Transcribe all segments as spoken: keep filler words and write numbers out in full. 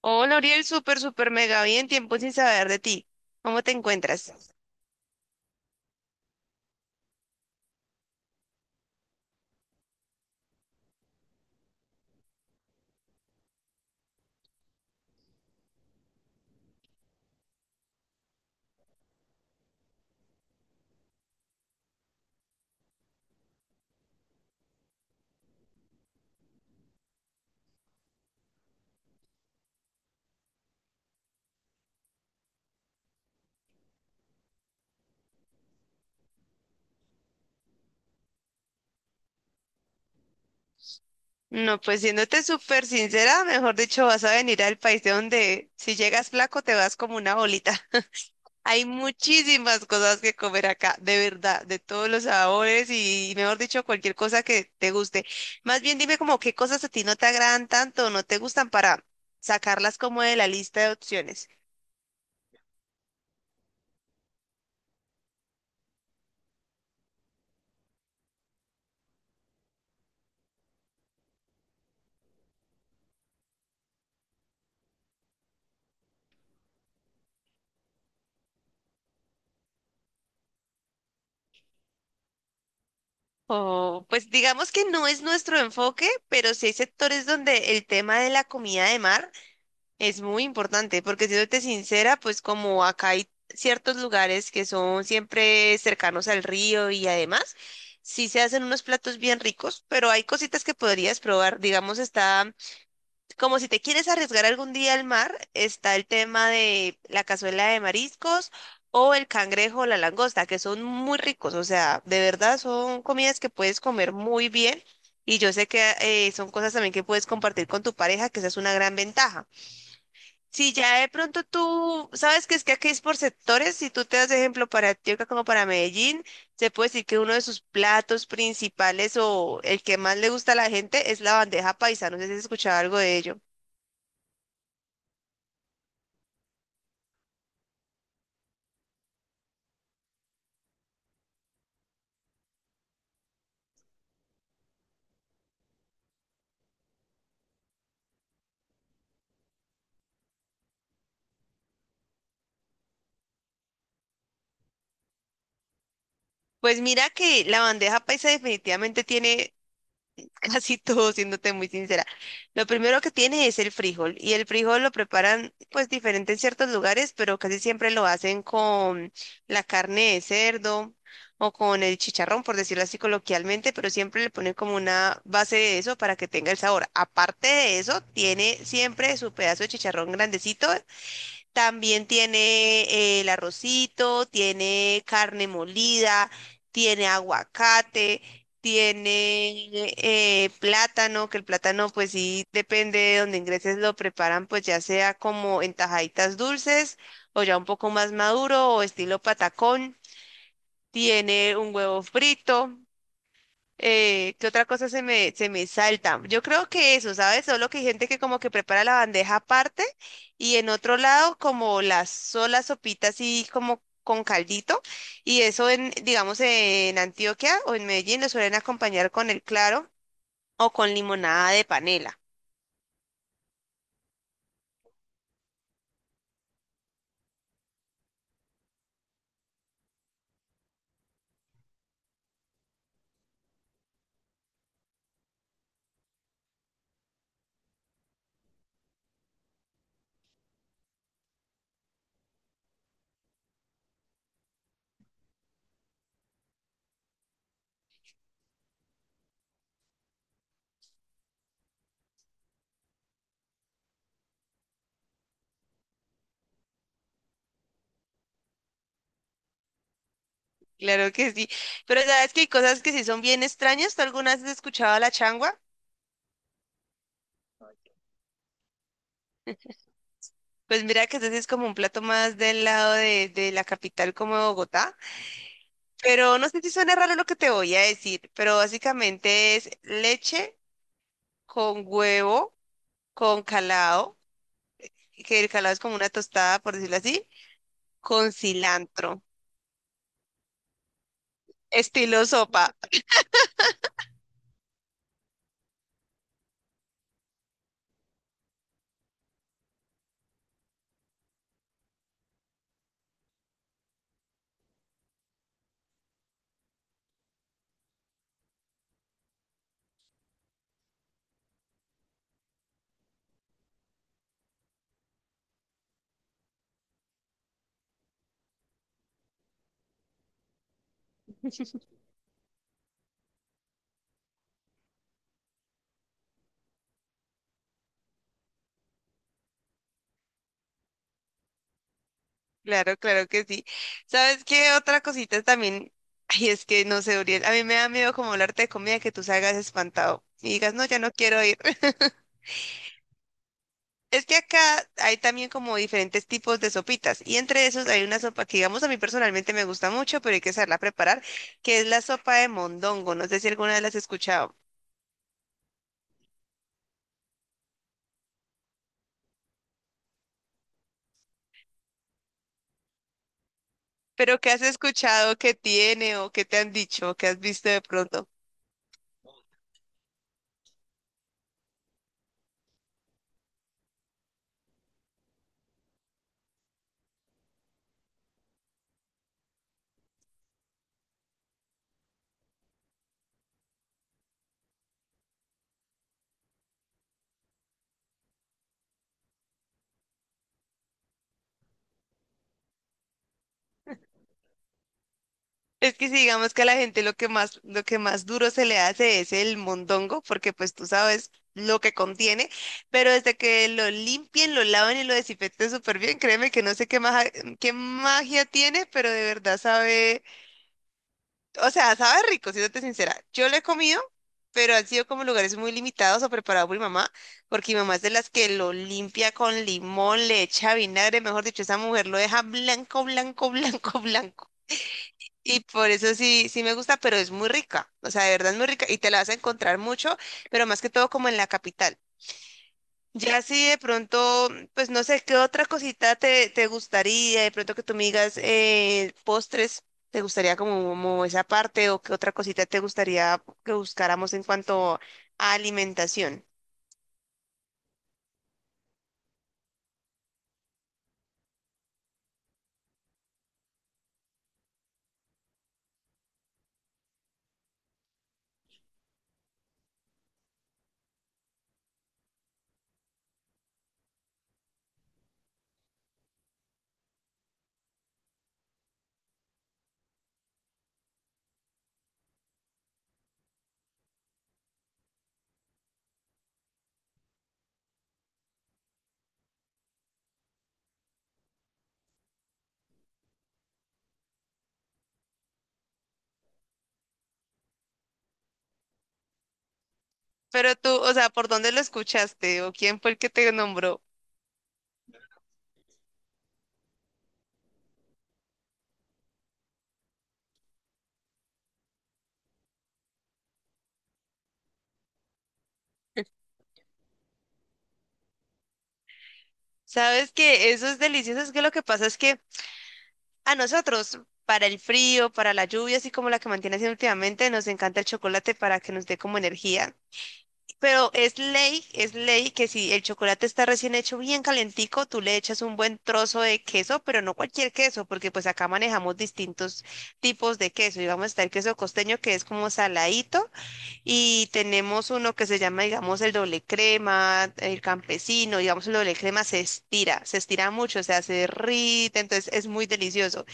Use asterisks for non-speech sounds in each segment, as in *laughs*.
Hola, Uriel, súper, súper mega bien, tiempo sin saber de ti. ¿Cómo te encuentras? No, pues siéndote súper sincera, mejor dicho, vas a venir al país de donde si llegas flaco te vas como una bolita. *laughs* Hay muchísimas cosas que comer acá, de verdad, de todos los sabores y, mejor dicho, cualquier cosa que te guste. Más bien dime como qué cosas a ti no te agradan tanto, no te gustan para sacarlas como de la lista de opciones. O, pues digamos que no es nuestro enfoque, pero sí hay sectores donde el tema de la comida de mar es muy importante, porque siéndote sincera, pues como acá hay ciertos lugares que son siempre cercanos al río y además sí se hacen unos platos bien ricos, pero hay cositas que podrías probar. Digamos, está como si te quieres arriesgar algún día al mar, está el tema de la cazuela de mariscos o el cangrejo o la langosta, que son muy ricos, o sea, de verdad son comidas que puedes comer muy bien y yo sé que eh, son cosas también que puedes compartir con tu pareja, que esa es una gran ventaja. Si ya de pronto tú sabes que es que aquí es por sectores, si tú te das de ejemplo para Antioquia como para Medellín, se puede decir que uno de sus platos principales o el que más le gusta a la gente es la bandeja paisa, no sé si has escuchado algo de ello. Pues mira que la bandeja paisa definitivamente tiene *laughs* casi todo, siéndote muy sincera. Lo primero que tiene es el frijol y el frijol lo preparan pues diferente en ciertos lugares, pero casi siempre lo hacen con la carne de cerdo o con el chicharrón, por decirlo así coloquialmente, pero siempre le ponen como una base de eso para que tenga el sabor. Aparte de eso, tiene siempre su pedazo de chicharrón grandecito, también tiene eh, el arrocito, tiene carne molida, tiene aguacate, tiene eh, plátano, que el plátano pues sí depende de donde ingreses lo preparan pues ya sea como en tajaditas dulces o ya un poco más maduro o estilo patacón. Tiene un huevo frito, eh, ¿qué otra cosa se me, se me salta? Yo creo que eso, ¿sabes? Solo que hay gente que como que prepara la bandeja aparte y en otro lado como las solas sopitas así como con caldito y eso en, digamos, en Antioquia o en Medellín lo suelen acompañar con el claro o con limonada de panela. Claro que sí, pero sabes que hay cosas que sí son bien extrañas. ¿Tú alguna vez has escuchado la changua? Pues mira que ese sí es como un plato más del lado de, de la capital como Bogotá. Pero no sé si suena raro lo que te voy a decir, pero básicamente es leche con huevo, con calado, que el calado es como una tostada, por decirlo así, con cilantro, estilo sopa. Claro, claro que sí. ¿Sabes qué otra cosita también? Ay, es que no sé, Uriel, a mí me da miedo como hablarte de comida que tú salgas espantado y digas, no, ya no quiero ir. *laughs* Es que acá hay también como diferentes tipos de sopitas y entre esos hay una sopa que digamos a mí personalmente me gusta mucho, pero hay que saberla preparar, que es la sopa de mondongo. No sé si alguna vez la has escuchado, pero ¿qué has escuchado que tiene o qué te han dicho o qué has visto de pronto? Es que si digamos que a la gente lo que más, lo que más duro se le hace es el mondongo, porque pues tú sabes lo que contiene, pero desde que lo limpien, lo laven y lo desinfecten súper bien, créeme que no sé qué magia, qué magia tiene, pero de verdad sabe. O sea, sabe rico, siéndote sincera. Yo lo he comido, pero han sido como lugares muy limitados o preparados por mi mamá, porque mi mamá es de las que lo limpia con limón, le echa vinagre, mejor dicho, esa mujer lo deja blanco, blanco, *laughs* blanco, blanco. Y por eso sí, sí me gusta, pero es muy rica. O sea, de verdad es muy rica y te la vas a encontrar mucho, pero más que todo como en la capital. Ya si de pronto, pues no sé, ¿qué otra cosita te, te gustaría? De pronto que tú me digas eh, postres, ¿te gustaría como, como esa parte o qué otra cosita te gustaría que buscáramos en cuanto a alimentación? Pero tú, o sea, ¿por dónde lo escuchaste o quién fue el que te nombró? Sabes que eso es delicioso, es que lo que pasa es que a nosotros, para el frío, para la lluvia, así como la que mantiene haciendo últimamente, nos encanta el chocolate para que nos dé como energía. Pero es ley, es ley que si el chocolate está recién hecho bien calentico, tú le echas un buen trozo de queso, pero no cualquier queso, porque pues acá manejamos distintos tipos de queso. Y vamos a estar el queso costeño que es como saladito y tenemos uno que se llama, digamos, el doble crema, el campesino, digamos, el doble crema se estira, se estira mucho, o sea, se derrite, entonces es muy delicioso.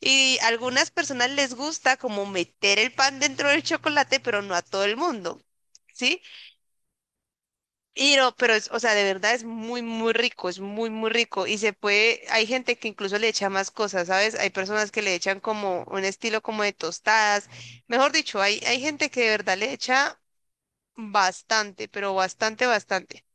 Y algunas personas les gusta como meter el pan dentro del chocolate, pero no a todo el mundo. ¿Sí? Y no, pero es, o sea, de verdad es muy, muy rico, es muy, muy rico. Y se puede, hay gente que incluso le echa más cosas, ¿sabes? Hay personas que le echan como un estilo como de tostadas. Mejor dicho, hay, hay gente que de verdad le echa bastante, pero bastante, bastante.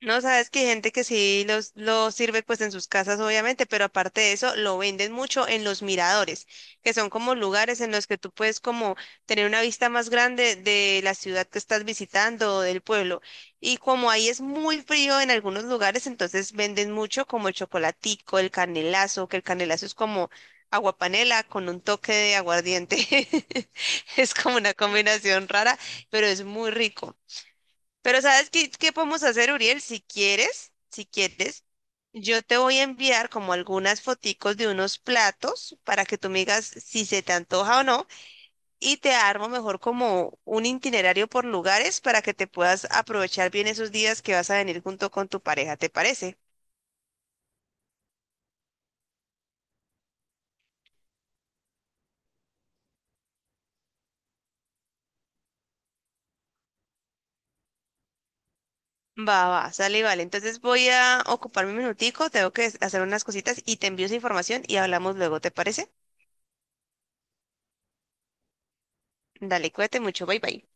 No, sabes que hay gente que sí los, los sirve pues en sus casas, obviamente, pero aparte de eso, lo venden mucho en los miradores, que son como lugares en los que tú puedes como tener una vista más grande de la ciudad que estás visitando o del pueblo. Y como ahí es muy frío en algunos lugares, entonces venden mucho como el chocolatico, el canelazo, que el canelazo es como agua panela con un toque de aguardiente. *laughs* Es como una combinación rara, pero es muy rico. Pero ¿sabes qué, qué podemos hacer, Uriel? Si quieres, si quieres, yo te voy a enviar como algunas foticos de unos platos para que tú me digas si se te antoja o no y te armo mejor como un itinerario por lugares para que te puedas aprovechar bien esos días que vas a venir junto con tu pareja, ¿te parece? Va, va, sale y vale. Entonces voy a ocuparme un minutico, tengo que hacer unas cositas y te envío esa información y hablamos luego, ¿te parece? Dale, cuídate mucho, bye bye.